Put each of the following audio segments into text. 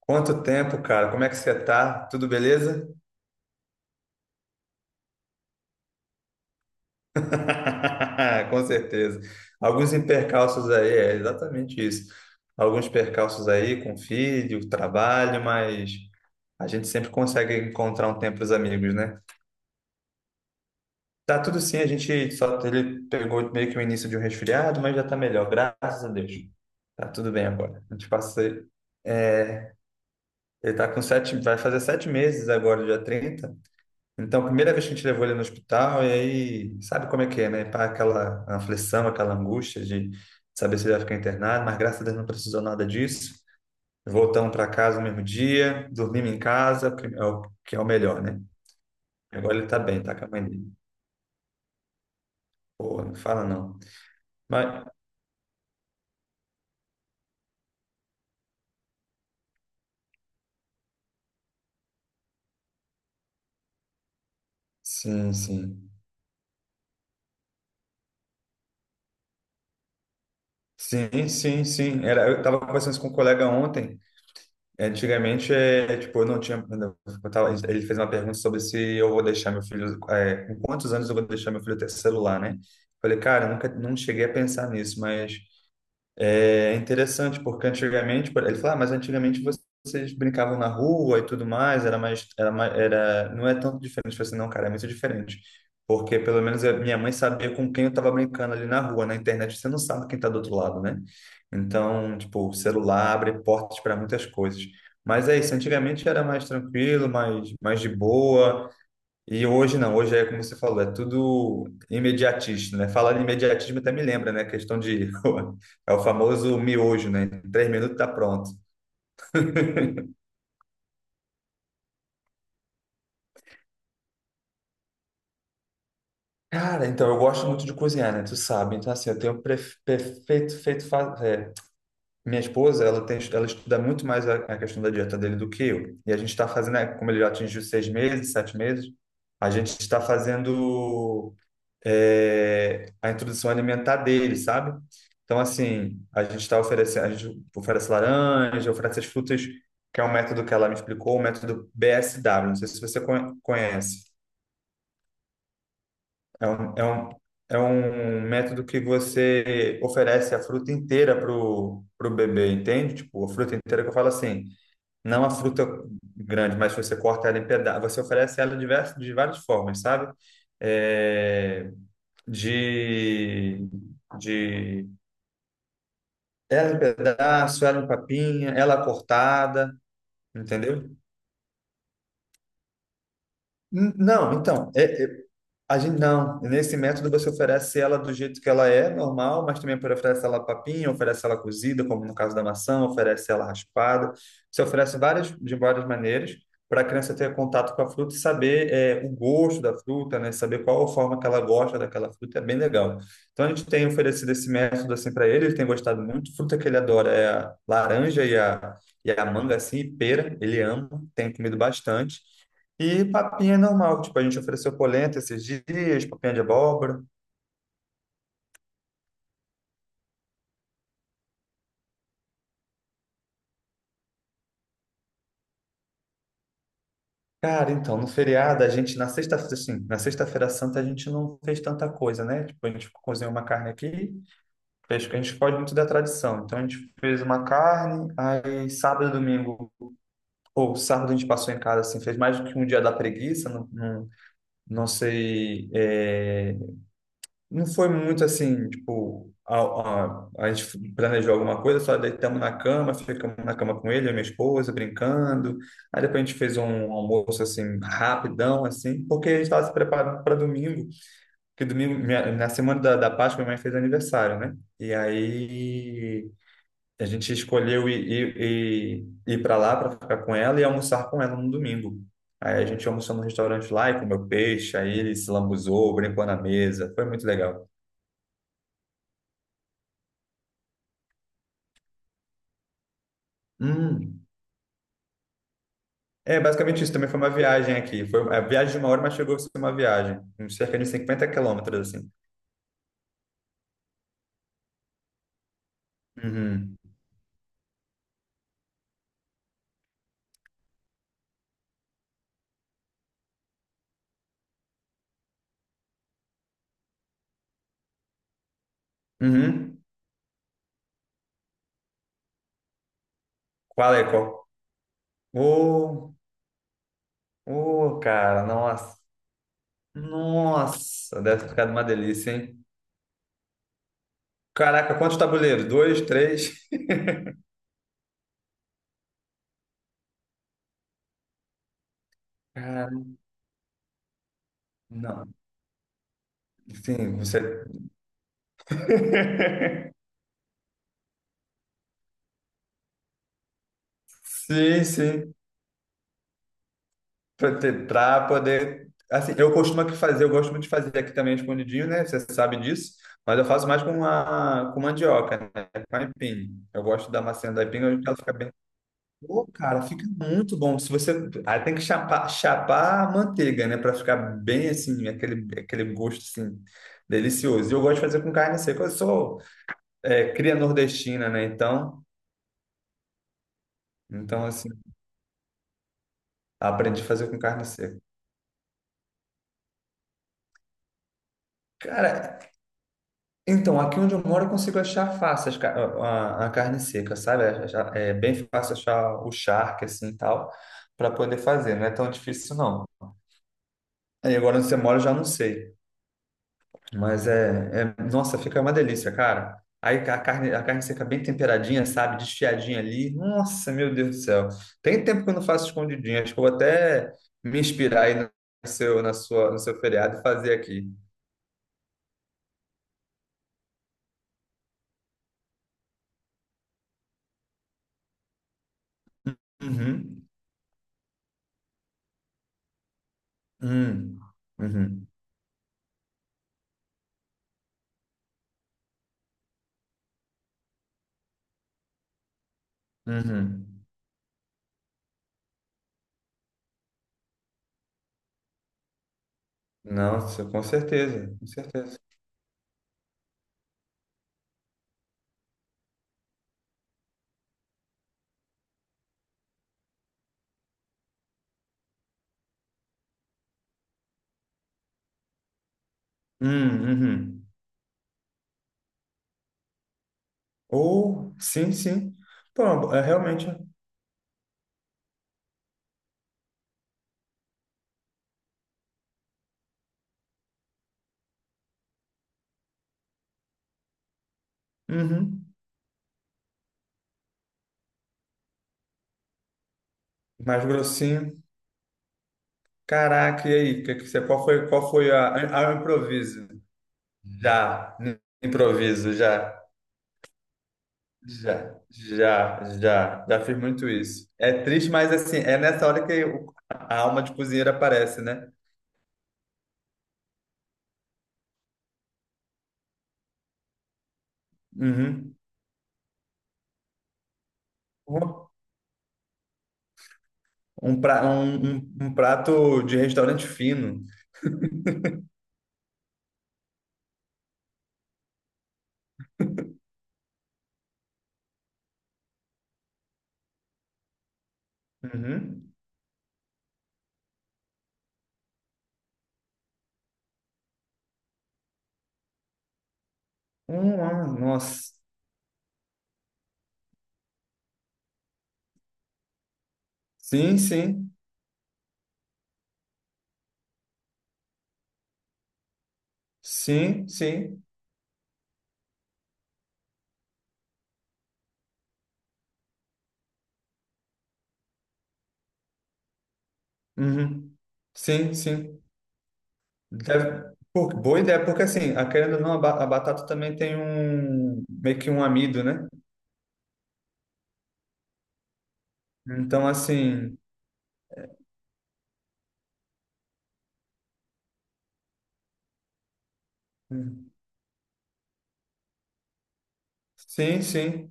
Quanto tempo, cara? Como é que você tá? Tudo beleza? Com certeza. Alguns percalços aí, é exatamente isso. Alguns percalços aí com filho, trabalho, mas a gente sempre consegue encontrar um tempo para os amigos, né? Tá tudo sim, a gente só ele pegou meio que o início de um resfriado, mas já tá melhor, graças a Deus. Tá tudo bem agora. A gente passa, é, ele tá com 7, vai fazer 7 meses agora, dia 30. Então, a primeira vez que a gente levou ele no hospital, e aí, sabe como é que é, né? Pá, aquela aflição, aquela angústia de saber se ele vai ficar internado, mas graças a Deus não precisou nada disso. Voltamos para casa no mesmo dia, dormimos em casa, que é o melhor, né? Agora ele tá bem, tá com a mãe dele. Pô, não fala não. Mas, sim, sim. Sim, sim, sim. Era, eu estava conversando isso com um colega ontem. Antigamente, é, tipo, eu não tinha. Ele fez uma pergunta sobre se eu vou deixar meu filho. É, com quantos anos eu vou deixar meu filho ter celular, né? Falei, cara, eu nunca não cheguei a pensar nisso, mas é interessante, porque antigamente, ele fala, ah, mas antigamente vocês brincavam na rua e tudo mais, não é tanto diferente. Eu falei assim, não, cara, é muito diferente. Porque pelo menos a minha mãe sabia com quem eu estava brincando ali na rua, na internet você não sabe quem está do outro lado, né? Então, tipo, o celular abre portas para muitas coisas. Mas é isso, antigamente era mais tranquilo, mais de boa. E hoje não, hoje é como você falou, é tudo imediatista, né? Falar de imediatismo até me lembra, né? É o famoso miojo, né? Em 3 minutos tá pronto. Cara, então, eu gosto muito de cozinhar, né? Tu sabe. Então, assim, eu tenho pref- perfeito feito... fa- é, minha esposa, ela estuda muito mais a questão da dieta dele do que eu. E a gente está fazendo, né, como ele já atingiu 6 meses, 7 meses, a gente está fazendo a introdução alimentar dele, sabe? Então, assim, a gente está oferecendo, a gente oferece laranja, oferece as frutas, que é um método que ela me explicou, o método BSW. Não sei se você conhece. É um, é um, É um método que você oferece a fruta inteira pro bebê, entende? Tipo, a fruta inteira que eu falo assim, não a fruta grande, mas você corta ela em pedaços, você oferece ela diversos, de várias formas, sabe? É, de, de Era um pedaço, era um papinha, ela cortada, entendeu? Não, então, a gente não, nesse método você oferece ela do jeito que ela é, normal, mas também oferece ela papinha, oferece ela cozida, como no caso da maçã, oferece ela raspada. Você oferece várias, de várias maneiras para a criança ter contato com a fruta e saber o gosto da fruta, né? Saber qual a forma que ela gosta daquela fruta, é bem legal. Então a gente tem oferecido esse método assim para ele, ele tem gostado muito. Fruta que ele adora é a laranja e a manga, assim, e pera, ele ama, tem comido bastante. E papinha é normal, tipo, a gente ofereceu polenta esses dias, papinha de abóbora. Cara, então, no feriado, a gente, na sexta, assim, na sexta-feira santa, a gente não fez tanta coisa, né? Tipo, a gente cozinhou uma carne aqui, fez, a gente foge muito da tradição. Então, a gente fez uma carne, aí sábado e domingo, ou sábado a gente passou em casa, assim, fez mais do que um dia da preguiça, não, não, não sei, não foi muito assim, tipo, a gente planejou alguma coisa, só deitamos na cama, ficamos na cama com ele, a minha esposa, brincando. Aí depois a gente fez um almoço, assim, rapidão, assim, porque a gente estava se preparando para domingo, que domingo, na semana da Páscoa, minha mãe fez aniversário, né? E aí a gente escolheu ir para lá para ficar com ela e almoçar com ela no domingo. Aí a gente almoçou no restaurante lá e comeu peixe, aí ele se lambuzou, brincou na mesa, foi muito legal. Hum. É, basicamente isso. Também foi uma viagem aqui. Foi a viagem de 1 hora, mas chegou a ser uma viagem. Uns cerca de 50 quilômetros, assim. Uhum. Uhum. Qual é? Qual? Ô, ô, cara, nossa. Nossa, deve ter ficado uma delícia, hein? Caraca, quantos tabuleiros? Dois, três? Cara, não. Sim, você. Sim, sim. Pra ter- pra poder. Assim, eu costumo aqui fazer, eu gosto muito de fazer aqui também escondidinho, né? Você sabe disso. Mas eu faço mais com, com mandioca, né? Com aipim. Eu gosto da maçã da aipim, eu ela fica bem. Pô, cara, fica muito bom. Se você. Aí tem que chapar a manteiga, né? Pra ficar bem assim, aquele gosto assim, delicioso. E eu gosto de fazer com carne seca. Eu sou cria nordestina, né? Então, então assim, aprendi a fazer com carne seca. Cara, então, aqui onde eu moro, eu consigo achar fácil a carne seca, sabe? É bem fácil achar o charque, assim, e tal, para poder fazer. Não é tão difícil, não. Aí agora onde você mora, eu já não sei. Nossa, fica uma delícia, cara. Aí a carne seca bem temperadinha, sabe? Desfiadinha ali. Nossa, meu Deus do céu. Tem tempo que eu não faço escondidinha. Acho que eu vou até me inspirar aí no no seu feriado e fazer aqui. Uhum. Uhum. Uhum. Uhum. Nossa, com certeza, com certeza. Uhum. Ou, sim, sim. Pô, é realmente. Uhum. Mais grossinho. Caraca, e aí? Que você, qual foi a improviso? Já, no improviso, já, fiz muito isso. É triste, mas assim, é nessa hora que a alma de cozinheiro aparece, né? Uhum. Um prato de restaurante fino. Uhum. Ah, nossa. Sim, sim, sim, sim, uhum. Sim, sim. Pô, boa ideia, porque assim, a querendo ou não, a batata também tem um, meio que um amido, né? Então, assim, hum, sim, sim,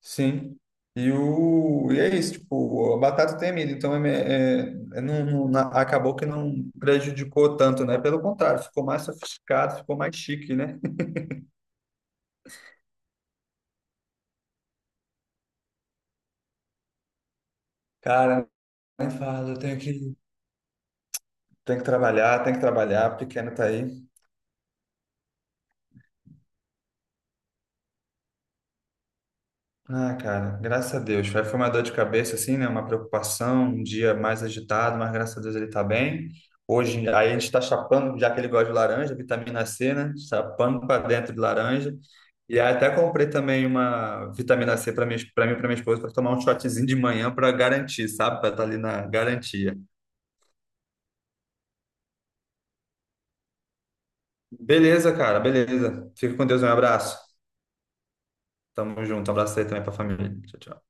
sim. E, o, e é isso, tipo, a batata tem amido, então não, acabou que não prejudicou tanto, né? Pelo contrário, ficou mais sofisticado, ficou mais chique, né? Cara, nem falo eu tenho que trabalhar, pequeno tá aí. Ah, cara, graças a Deus. Foi uma dor de cabeça, assim, né? Uma preocupação, um dia mais agitado, mas graças a Deus ele tá bem. Hoje, aí a gente tá chapando, já que ele gosta de laranja, vitamina C, né? Chapando para dentro de laranja. E aí até comprei também uma vitamina C para mim, para minha esposa, para tomar um shotzinho de manhã para garantir, sabe? Para estar ali na garantia. Beleza, cara, beleza. Fica com Deus, um abraço. Tamo junto, um abraço aí também para a família. Tchau, tchau.